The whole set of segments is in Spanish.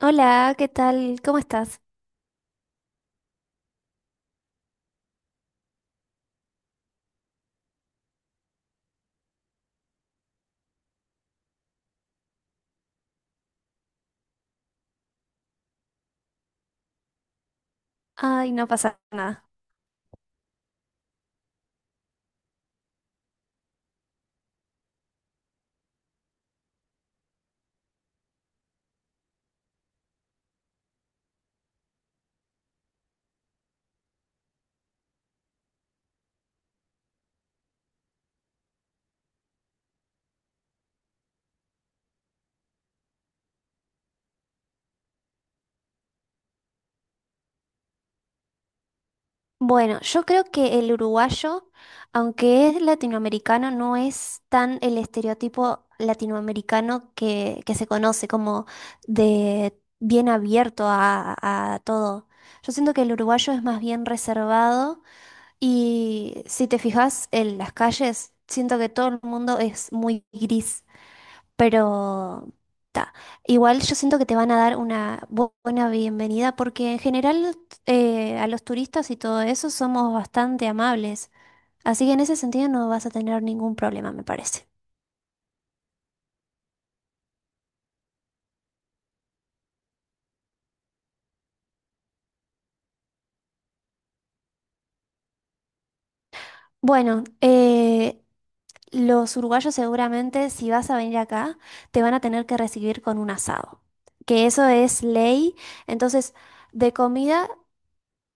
Hola, ¿qué tal? ¿Cómo estás? Ay, no pasa nada. Bueno, yo creo que el uruguayo, aunque es latinoamericano, no es tan el estereotipo latinoamericano que se conoce como de bien abierto a todo. Yo siento que el uruguayo es más bien reservado y si te fijas en las calles, siento que todo el mundo es muy gris. Pero ta, igual yo siento que te van a dar una buena bienvenida porque en general a los turistas y todo eso somos bastante amables. Así que en ese sentido no vas a tener ningún problema, me parece. Bueno, los uruguayos seguramente si vas a venir acá te van a tener que recibir con un asado, que eso es ley. Entonces, de comida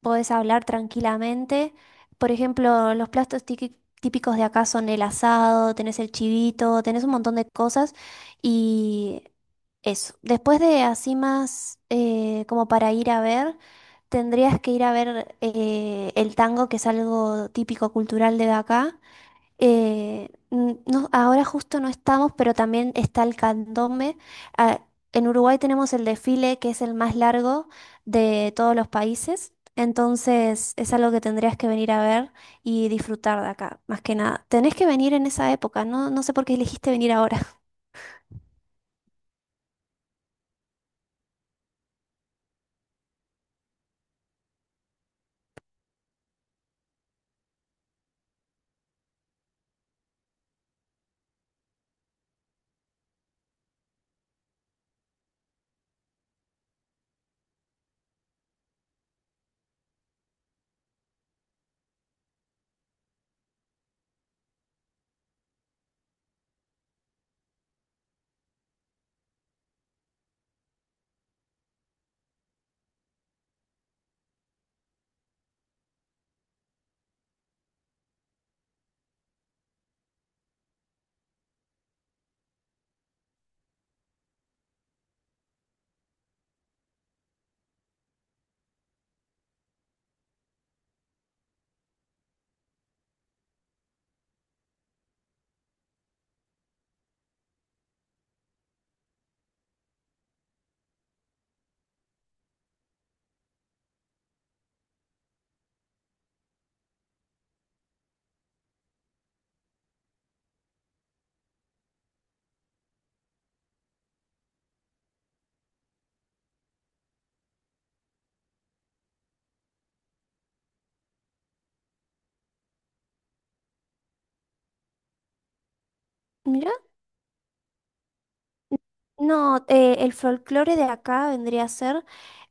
podés hablar tranquilamente. Por ejemplo, los platos típicos de acá son el asado, tenés el chivito, tenés un montón de cosas y eso. Después de así más como para ir a ver, tendrías que ir a ver el tango, que es algo típico cultural de acá. No, ahora justo no estamos, pero también está el candombe. Ah, en Uruguay tenemos el desfile, que es el más largo de todos los países. Entonces es algo que tendrías que venir a ver y disfrutar de acá, más que nada. Tenés que venir en esa época, no, no sé por qué elegiste venir ahora. Mira. No, el folclore de acá vendría a ser,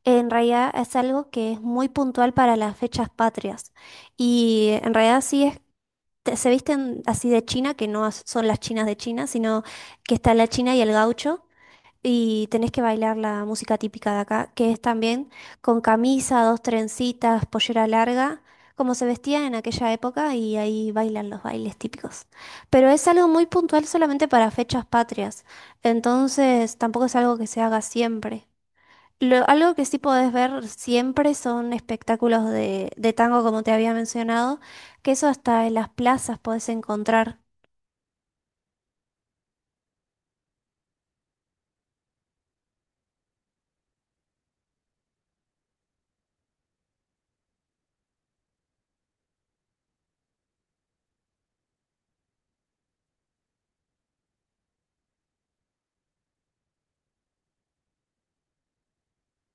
en realidad es algo que es muy puntual para las fechas patrias. Y en realidad sí es se visten así de China, que no son las chinas de China, sino que está la china y el gaucho, y tenés que bailar la música típica de acá, que es también con camisa, dos trencitas, pollera larga, como se vestía en aquella época, y ahí bailan los bailes típicos. Pero es algo muy puntual solamente para fechas patrias, entonces tampoco es algo que se haga siempre. Algo que sí podés ver siempre son espectáculos de tango, como te había mencionado, que eso hasta en las plazas podés encontrar.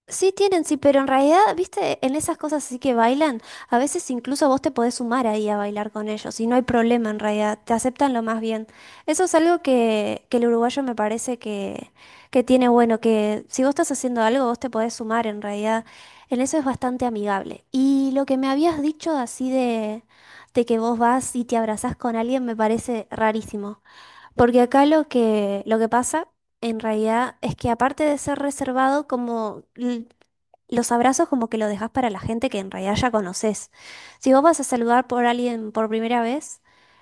Sí tienen, sí, pero en realidad, viste, en esas cosas así que bailan, a veces incluso vos te podés sumar ahí a bailar con ellos y no hay problema en realidad, te aceptan lo más bien. Eso es algo que el uruguayo me parece que tiene bueno, que si vos estás haciendo algo, vos te podés sumar en realidad. En eso es bastante amigable. Y lo que me habías dicho así de que vos vas y te abrazás con alguien me parece rarísimo. Porque acá lo que pasa en realidad es que aparte de ser reservado, los abrazos como que lo dejas para la gente que en realidad ya conoces. Si vos vas a saludar por alguien por primera vez,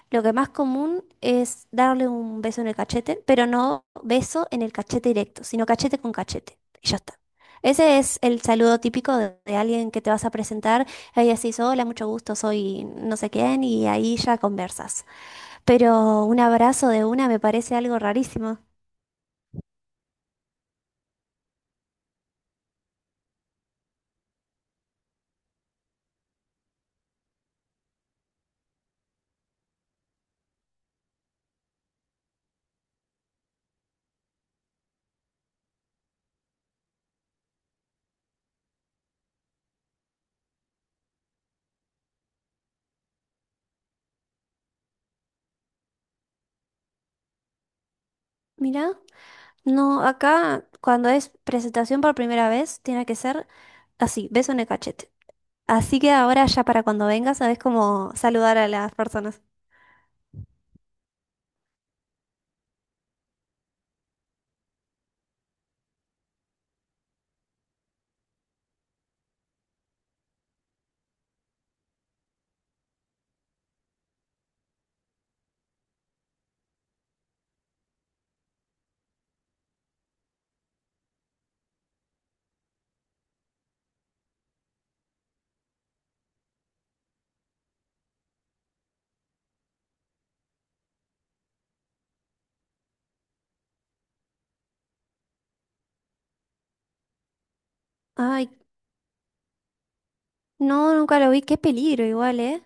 lo que más común es darle un beso en el cachete, pero no beso en el cachete directo, sino cachete con cachete. Y ya está. Ese es el saludo típico de alguien que te vas a presentar. Ahí decís, hola, mucho gusto, soy no sé quién, y ahí ya conversas. Pero un abrazo de una me parece algo rarísimo. Mirá, no, acá cuando es presentación por primera vez, tiene que ser así, beso en el cachete. Así que ahora ya para cuando vengas, sabes cómo saludar a las personas. Ay, no, nunca lo vi, qué peligro igual, ¿eh?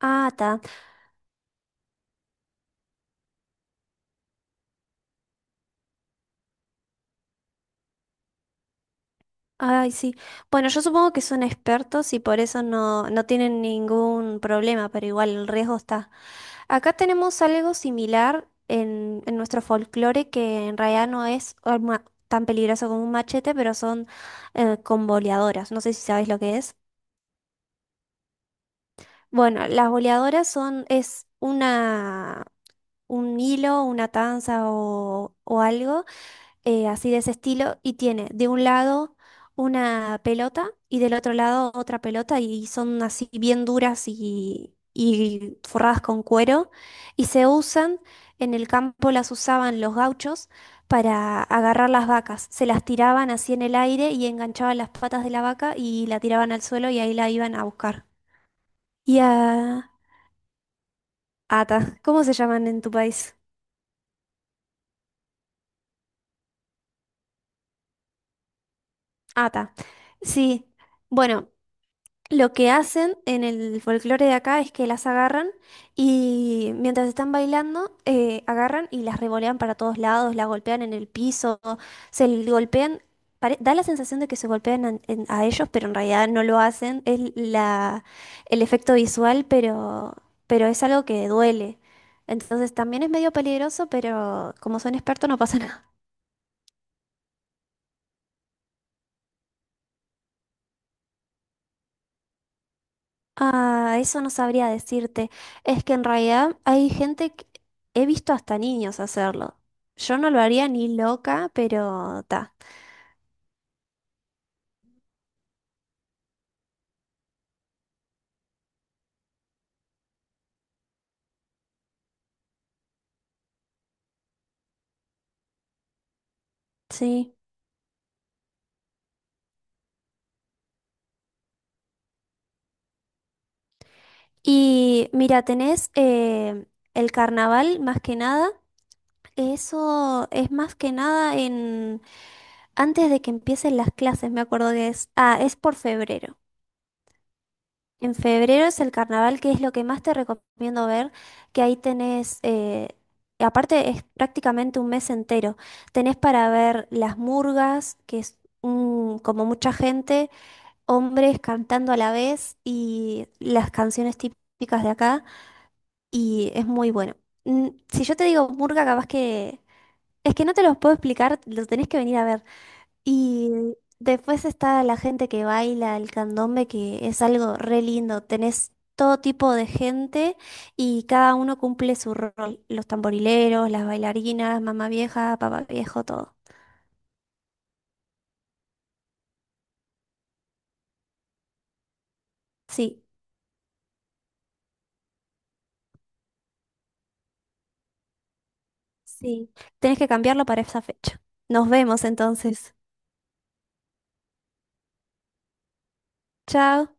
Ah, ta. Ay, sí. Bueno, yo supongo que son expertos y por eso no, no tienen ningún problema, pero igual el riesgo está. Acá tenemos algo similar en nuestro folclore que en realidad no es arma tan peligroso como un machete, pero son con boleadoras. No sé si sabes lo que es. Bueno, las boleadoras son, es una, un hilo, una tanza o algo así de ese estilo, y tiene de un lado una pelota y del otro lado otra pelota, y son así bien duras y forradas con cuero, y se usan, en el campo las usaban los gauchos para agarrar las vacas, se las tiraban así en el aire y enganchaban las patas de la vaca y la tiraban al suelo y ahí la iban a buscar. Y a... Ata, ¿cómo se llaman en tu país? Ata. Sí, bueno. Lo que hacen en el folclore de acá es que las agarran y mientras están bailando, agarran y las revolean para todos lados, las golpean en el piso, golpean. Da la sensación de que se golpean ellos, pero en realidad no lo hacen. Es la, el efecto visual, pero es algo que duele. Entonces también es medio peligroso, pero como son expertos no pasa nada. Ah, eso no sabría decirte. Es que en realidad hay gente que he visto hasta niños hacerlo. Yo no lo haría ni loca, pero ta. Sí. Y mira, tenés el carnaval más que nada. Eso es más que nada en antes de que empiecen las clases, me acuerdo que es. Ah, es por febrero. En febrero es el carnaval, que es lo que más te recomiendo ver, que ahí tenés, aparte es prácticamente un mes entero, tenés para ver las murgas, que es como mucha gente, hombres cantando a la vez y las canciones típicas de acá, y es muy bueno. Mm, si yo te digo murga, capaz que... Es que no te los puedo explicar, los tenés que venir a ver. Y después está la gente que baila el candombe, que es algo re lindo. Tenés todo tipo de gente y cada uno cumple su rol. Los tamborileros, las bailarinas, mamá vieja, papá viejo, todo. Sí, sí. Tenés que cambiarlo para esa fecha. Nos vemos entonces. Chao.